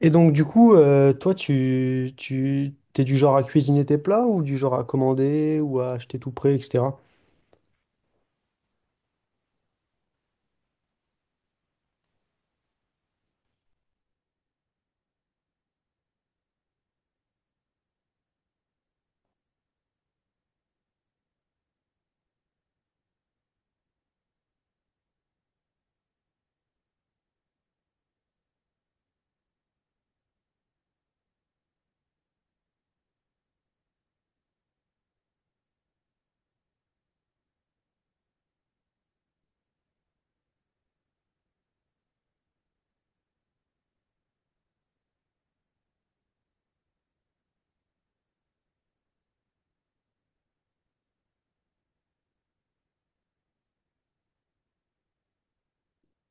Et donc, du coup, toi, t'es du genre à cuisiner tes plats ou du genre à commander ou à acheter tout prêt, etc.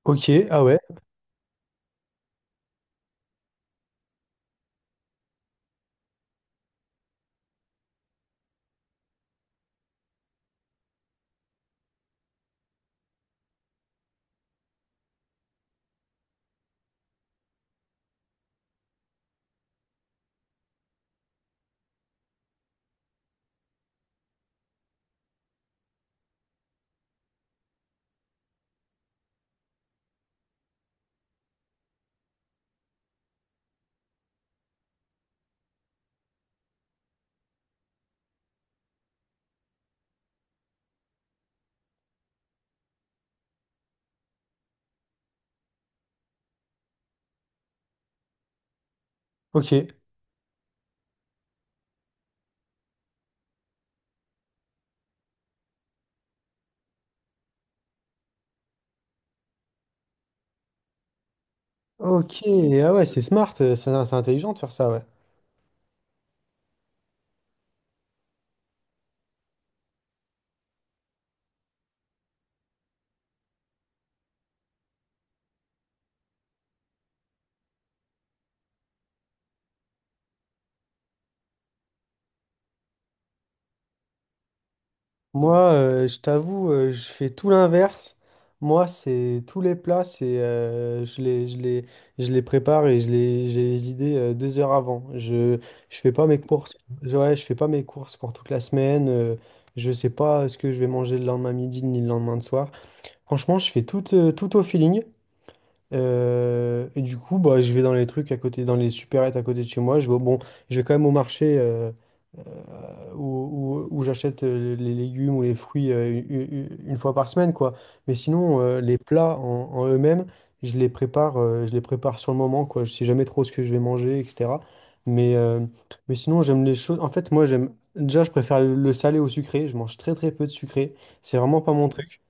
Ok, ah ouais, ok. Ok, ah ouais, c'est smart, c'est intelligent de faire ça, ouais. Moi, je t'avoue, je fais tout l'inverse. Moi, c'est tous les plats, c'est je les prépare et je les, j'ai les idées 2 heures avant. Je fais pas mes courses. Ouais, je fais pas mes courses pour toute la semaine. Je sais pas ce que je vais manger le lendemain midi ni le lendemain de soir. Franchement, je fais tout, tout au feeling. Et du coup, bah, je vais dans les trucs à côté, dans les supérettes à côté de chez moi. Je vais, bon, je vais quand même au marché où j'achète les légumes ou les fruits une, fois par semaine, quoi. Mais sinon, en eux-mêmes, je les prépare sur le moment, quoi. Je sais jamais trop ce que je vais manger, etc. Mais, euh, mais sinon, j'aime les choses. En fait, moi, j'aime. Déjà, je préfère le salé au sucré. Je mange très très peu de sucré. C'est vraiment pas mon truc.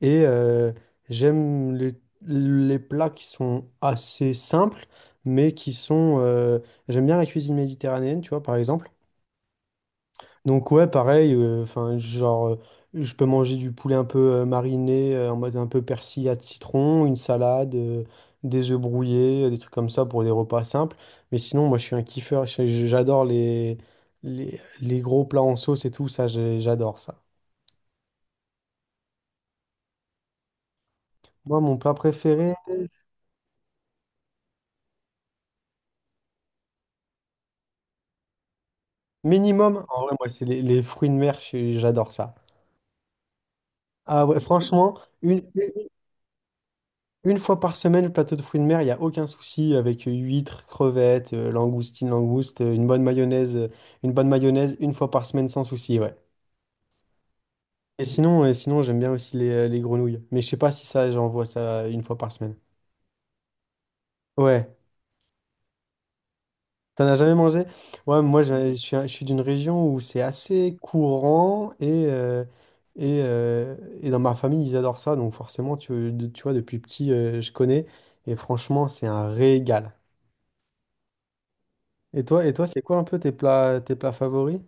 Et j'aime les plats qui sont assez simples, mais qui sont j'aime bien la cuisine méditerranéenne, tu vois, par exemple. Donc ouais, pareil, enfin, genre, je peux manger du poulet un peu mariné, en mode un peu persillade citron, une salade, des œufs brouillés, des trucs comme ça pour des repas simples. Mais sinon, moi, je suis un kiffeur, j'adore les gros plats en sauce et tout, ça, j'adore ça. Moi, mon plat préféré... Minimum, en vrai, moi, c'est les fruits de mer, j'adore ça. Ah ouais, franchement, une fois par semaine, le plateau de fruits de mer, il n'y a aucun souci avec huîtres, crevettes, langoustines, langoustes, une bonne mayonnaise, une fois par semaine sans souci, ouais. Et sinon j'aime bien aussi les grenouilles. Mais je sais pas si ça, j'en vois ça une fois par semaine. Ouais. T'en as jamais mangé? Ouais, moi je suis d'une région où c'est assez courant et, et, euh, et dans ma famille ils adorent ça, donc forcément tu vois depuis petit je connais et franchement c'est un régal. Et toi c'est quoi un peu tes plats favoris?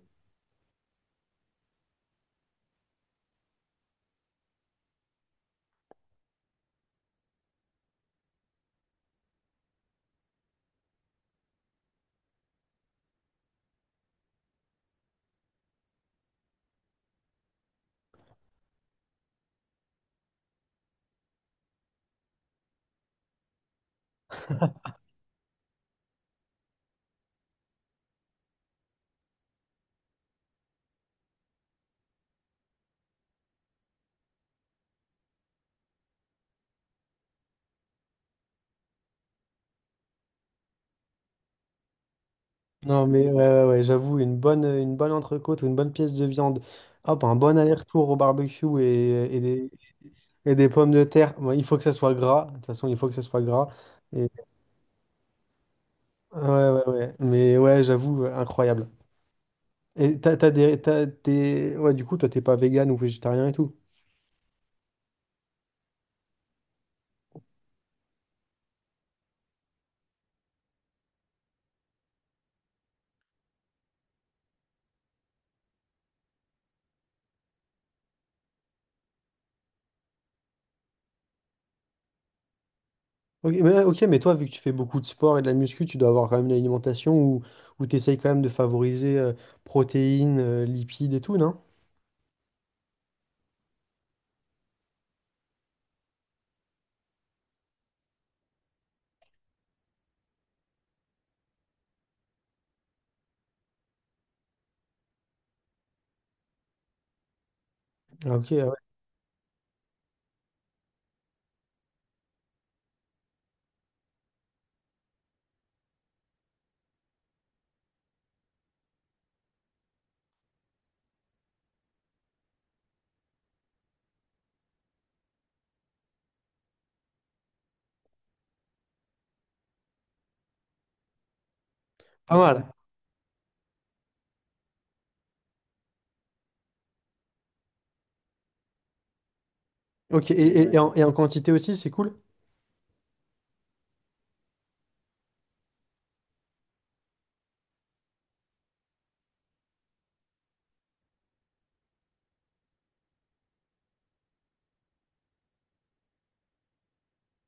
Non mais ouais, ouais, ouais, j'avoue une bonne entrecôte ou une bonne pièce de viande, hop un bon aller-retour au barbecue et des pommes de terre. Moi, il faut que ça soit gras. De toute façon, il faut que ça soit gras. Ouais, ouais, ouais. Mais ouais, j'avoue, incroyable. Et t'es... Ouais, du coup, toi, t'es pas vegan ou végétarien et tout. Ok, mais toi, vu que tu fais beaucoup de sport et de la muscu, tu dois avoir quand même une alimentation où tu essayes quand même de favoriser protéines, lipides et tout, non? Ah, ok, ah ouais, pas mal. Ok, et en quantité aussi, c'est cool?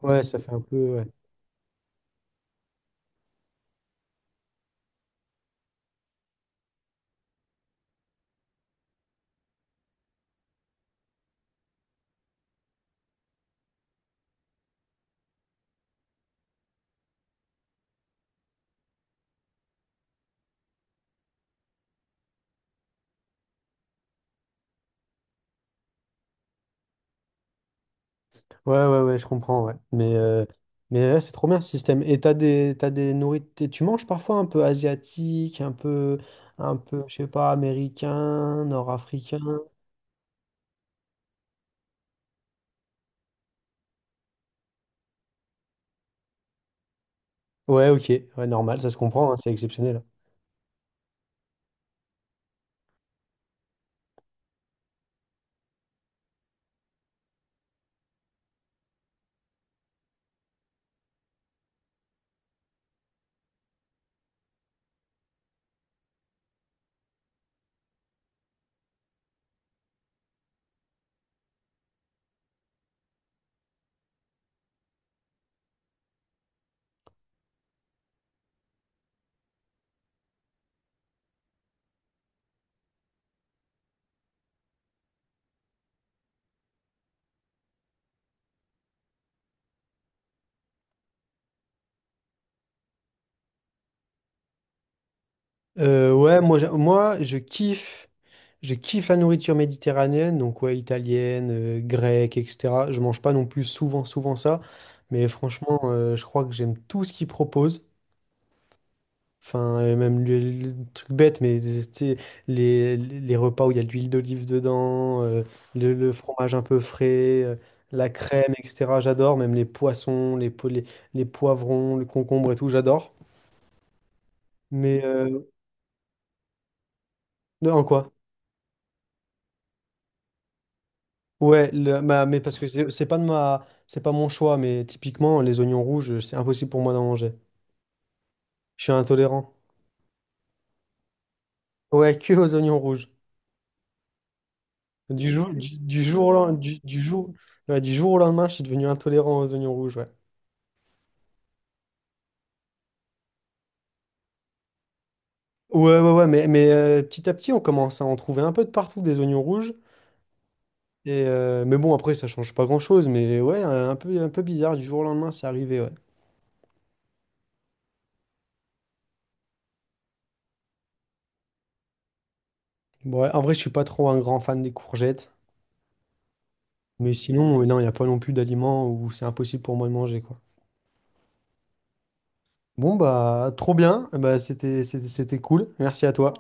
Ouais, ça fait un peu... ouais. Ouais, ouais, ouais, je comprends, ouais. Mais ouais, c'est trop bien ce système. Et t'as des nourritures. Tu manges parfois un peu asiatique, un peu, je sais pas, américain, nord-africain. Ouais, ok, ouais, normal, ça se comprend, hein, c'est exceptionnel. Ouais, moi, moi, je kiffe la nourriture méditerranéenne, donc ouais, italienne, grecque, etc. Je mange pas non plus souvent, souvent ça, mais franchement, je crois que j'aime tout ce qu'ils proposent. Enfin, même le truc bête, mais tu sais, les repas où il y a de l'huile d'olive dedans, le fromage un peu frais, la crème, etc. J'adore, même les poissons, les poivrons, le concombre et tout, j'adore. Mais non, en quoi? Ouais, mais parce que c'est pas de ma, c'est pas mon choix, mais typiquement, les oignons rouges, c'est impossible pour moi d'en manger. Je suis intolérant. Ouais, que aux oignons rouges. Du jour au lendemain, ouais, du jour au lendemain, je suis devenu intolérant aux oignons rouges, ouais. Ouais, ouais, ouais, mais petit à petit, on commence à en trouver un peu de partout des oignons rouges. Et, mais bon, après, ça change pas grand-chose. Mais ouais, un peu bizarre, du jour au lendemain, c'est arrivé, ouais. Bon, ouais, en vrai, je suis pas trop un grand fan des courgettes. Mais sinon, non, il n'y a pas non plus d'aliments où c'est impossible pour moi de manger, quoi. Bon, bah, trop bien. Bah, c'était cool. Merci à toi.